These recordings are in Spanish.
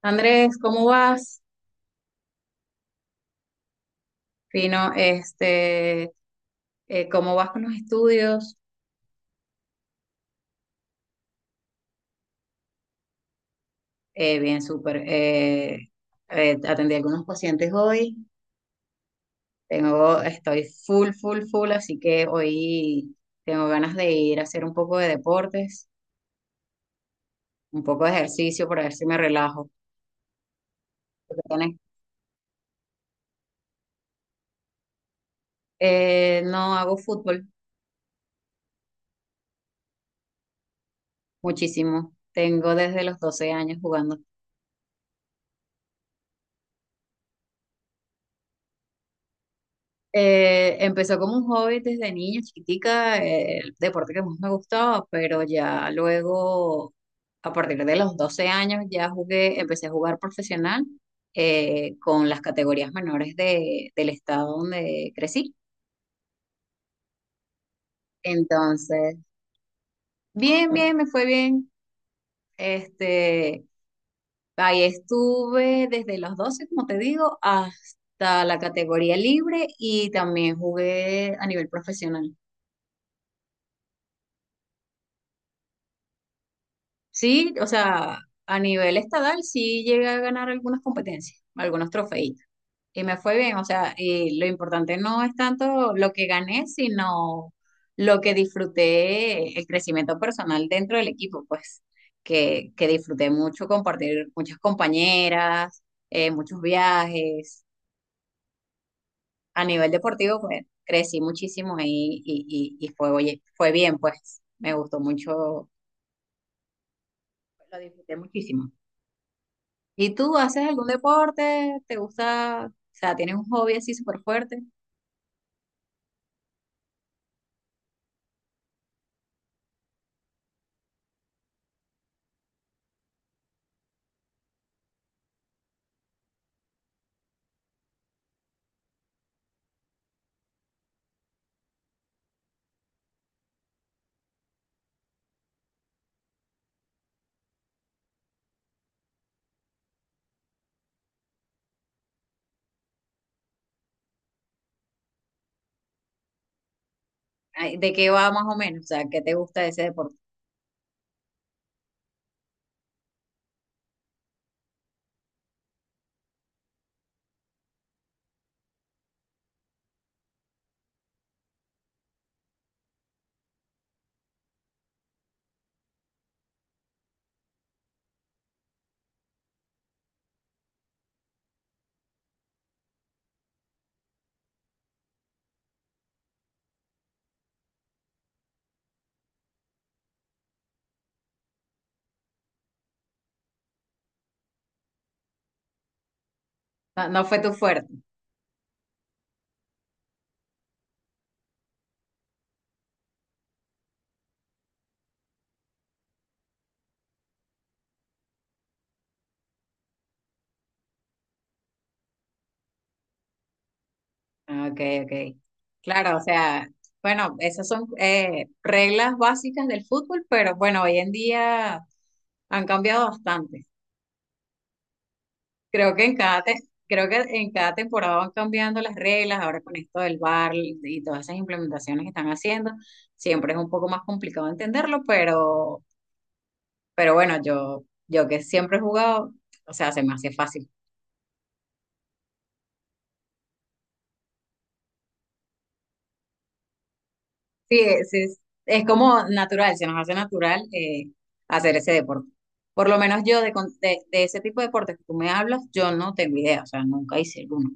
Andrés, ¿cómo vas? Fino, ¿cómo vas con los estudios? Bien, súper. Atendí a algunos pacientes hoy. Estoy full, full, full, así que hoy tengo ganas de ir a hacer un poco de deportes, un poco de ejercicio para ver si me relajo. ¿Tú qué tienes? No hago fútbol muchísimo. Tengo desde los 12 años jugando. Empezó como un hobby desde niña, chiquitica, el deporte que más me gustaba, pero ya luego, a partir de los 12 años, empecé a jugar profesional con las categorías menores del estado donde crecí. Entonces, bien, bien, me fue bien. Este, Ahí estuve desde los 12 como te digo, hasta la categoría libre y también jugué a nivel profesional. Sí, o sea, a nivel estadal sí llegué a ganar algunas competencias, algunos trofeitos. Y me fue bien, o sea, y lo importante no es tanto lo que gané, sino lo que disfruté, el crecimiento personal dentro del equipo, pues, que disfruté mucho compartir muchas compañeras, muchos viajes. A nivel deportivo, pues, crecí muchísimo ahí y fue, oye, fue bien, pues, me gustó mucho, lo disfruté muchísimo. ¿Y tú haces algún deporte? ¿Te gusta? O sea, ¿tienes un hobby así súper fuerte? Ay, ¿de qué va más o menos? O sea, ¿qué te gusta de ese deporte? No, no fue tu fuerte. Ah, ok, ok. Claro, o sea, bueno, esas son reglas básicas del fútbol, pero bueno, hoy en día han cambiado bastante. Creo que en cada, te- Creo que en cada temporada van cambiando las reglas, ahora con esto del VAR y todas esas implementaciones que están haciendo, siempre es un poco más complicado entenderlo, pero bueno, yo que siempre he jugado, o sea, se me hace fácil. Sí, es como natural, se nos hace natural hacer ese deporte. Por lo menos yo de ese tipo de deportes que tú me hablas, yo no tengo idea, o sea, nunca hice alguno.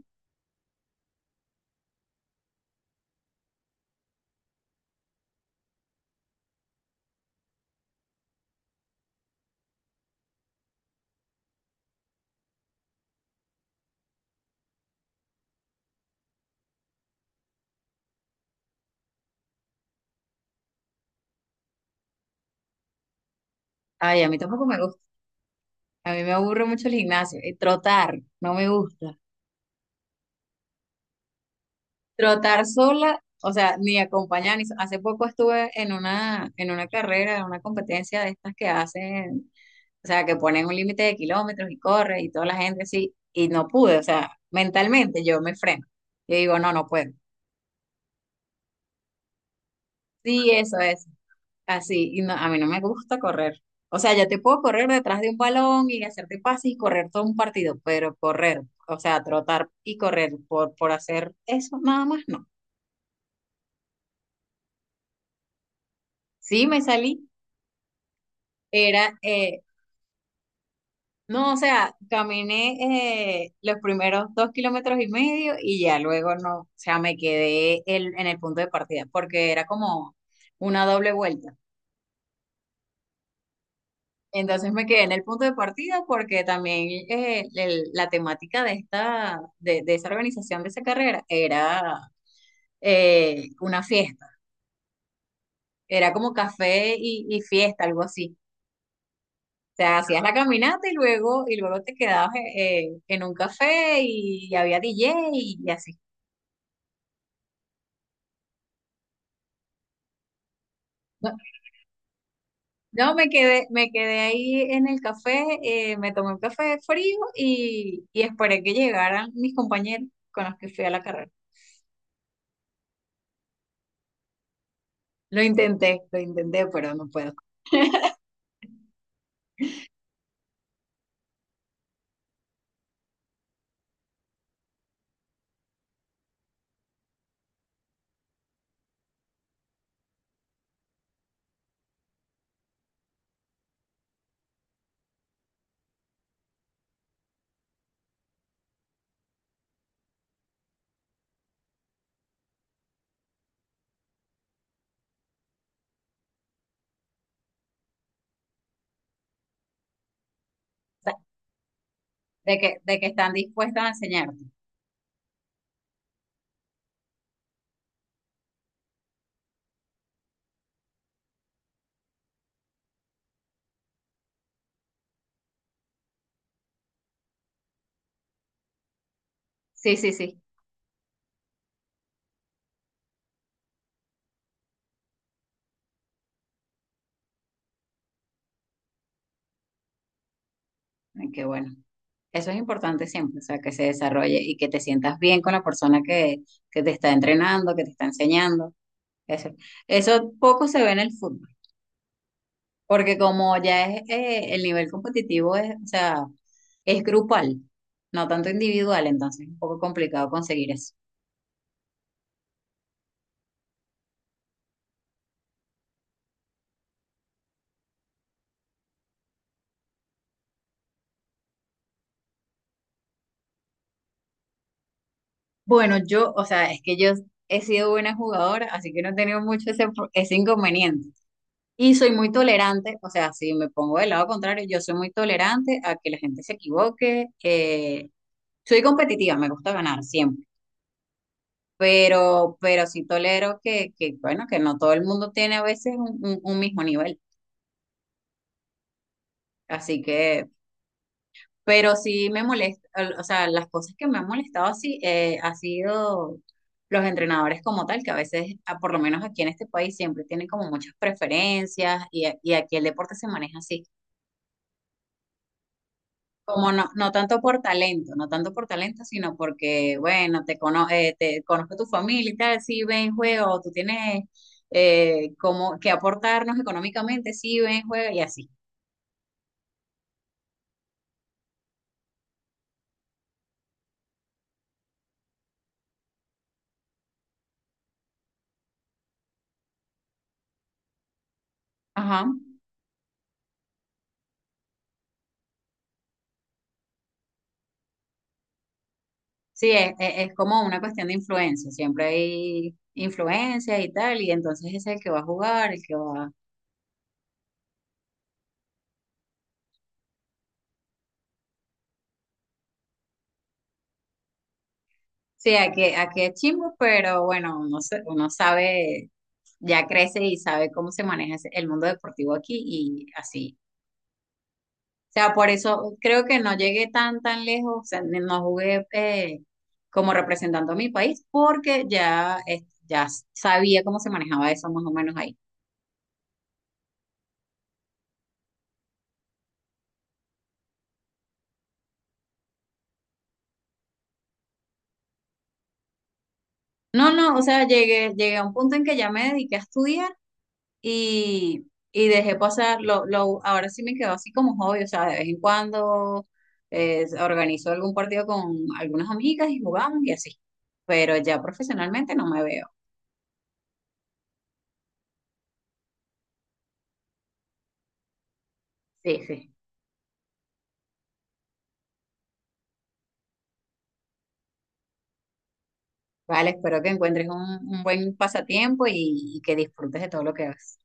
Ay, a mí tampoco me gusta. A mí me aburre mucho el gimnasio. Y trotar, no me gusta. Trotar sola, o sea, ni acompañar. Ni... Hace poco estuve en una carrera, en una competencia de estas que hacen, o sea, que ponen un límite de kilómetros y corre y toda la gente así, y no pude, o sea, mentalmente yo me freno. Yo digo, no, no puedo. Sí, eso es así, y no, a mí no me gusta correr. O sea, yo te puedo correr detrás de un balón y hacerte pases y correr todo un partido, pero correr, o sea, trotar y correr por hacer eso, nada más no. Sí, me salí, era, eh, no, o sea, caminé los primeros dos kilómetros y medio y ya luego no, o sea, en el punto de partida porque era como una doble vuelta. Entonces me quedé en el punto de partida porque también la temática de esa organización de esa carrera era una fiesta, era como café y fiesta, algo así. O sea, hacías la caminata y luego te quedabas en un café y, había DJ y así. No, me quedé ahí en el café, me tomé un café frío y esperé que llegaran mis compañeros con los que fui a la carrera. Lo intenté, pero no puedo. O sea, de que están dispuestos a enseñarte. Sí, sí, sí. Ay, qué bueno. Eso es importante siempre, o sea, que se desarrolle y que te sientas bien con la persona que te está entrenando, que te está enseñando. Eso, eso poco se ve en el fútbol. Porque como ya es el nivel competitivo es, o sea, es grupal, no tanto individual, entonces es un poco complicado conseguir eso. Bueno, yo, o sea, es que yo he sido buena jugadora, así que no he tenido mucho ese, ese inconveniente. Y soy muy tolerante, o sea, si me pongo del lado contrario, yo soy muy tolerante a que la gente se equivoque. Soy competitiva, me gusta ganar siempre, pero sí tolero que, bueno, que no todo el mundo tiene a veces un mismo nivel. Así que pero sí me molesta, o sea, las cosas que me han molestado así ha sido los entrenadores como tal, que a veces, por lo menos aquí en este país, siempre tienen como muchas preferencias y aquí el deporte se maneja así. Como no, no tanto por talento, no tanto por talento, sino porque, bueno, te conozco tu familia y tal, sí, ven, juega, o tú tienes como que aportarnos económicamente, sí, ven, juega y así. Ajá. Sí, es como una cuestión de influencia, siempre hay influencias y tal, y entonces es el que va a jugar, el que va... Sí, aquí, aquí es chimbo, pero bueno, uno sabe, ya crece y sabe cómo se maneja el mundo deportivo aquí y así. O sea, por eso creo que no llegué tan, tan lejos, o sea, no jugué como representando a mi país, porque ya, ya sabía cómo se manejaba eso más o menos ahí. No, no, o sea, llegué, llegué a un punto en que ya me dediqué a estudiar y dejé pasar, ahora sí me quedó así como hobby, o sea, de vez en cuando organizo algún partido con algunas amigas y jugamos y así, pero ya profesionalmente no me veo. Sí, sí. Vale, espero que encuentres un buen pasatiempo y que disfrutes de todo lo que haces.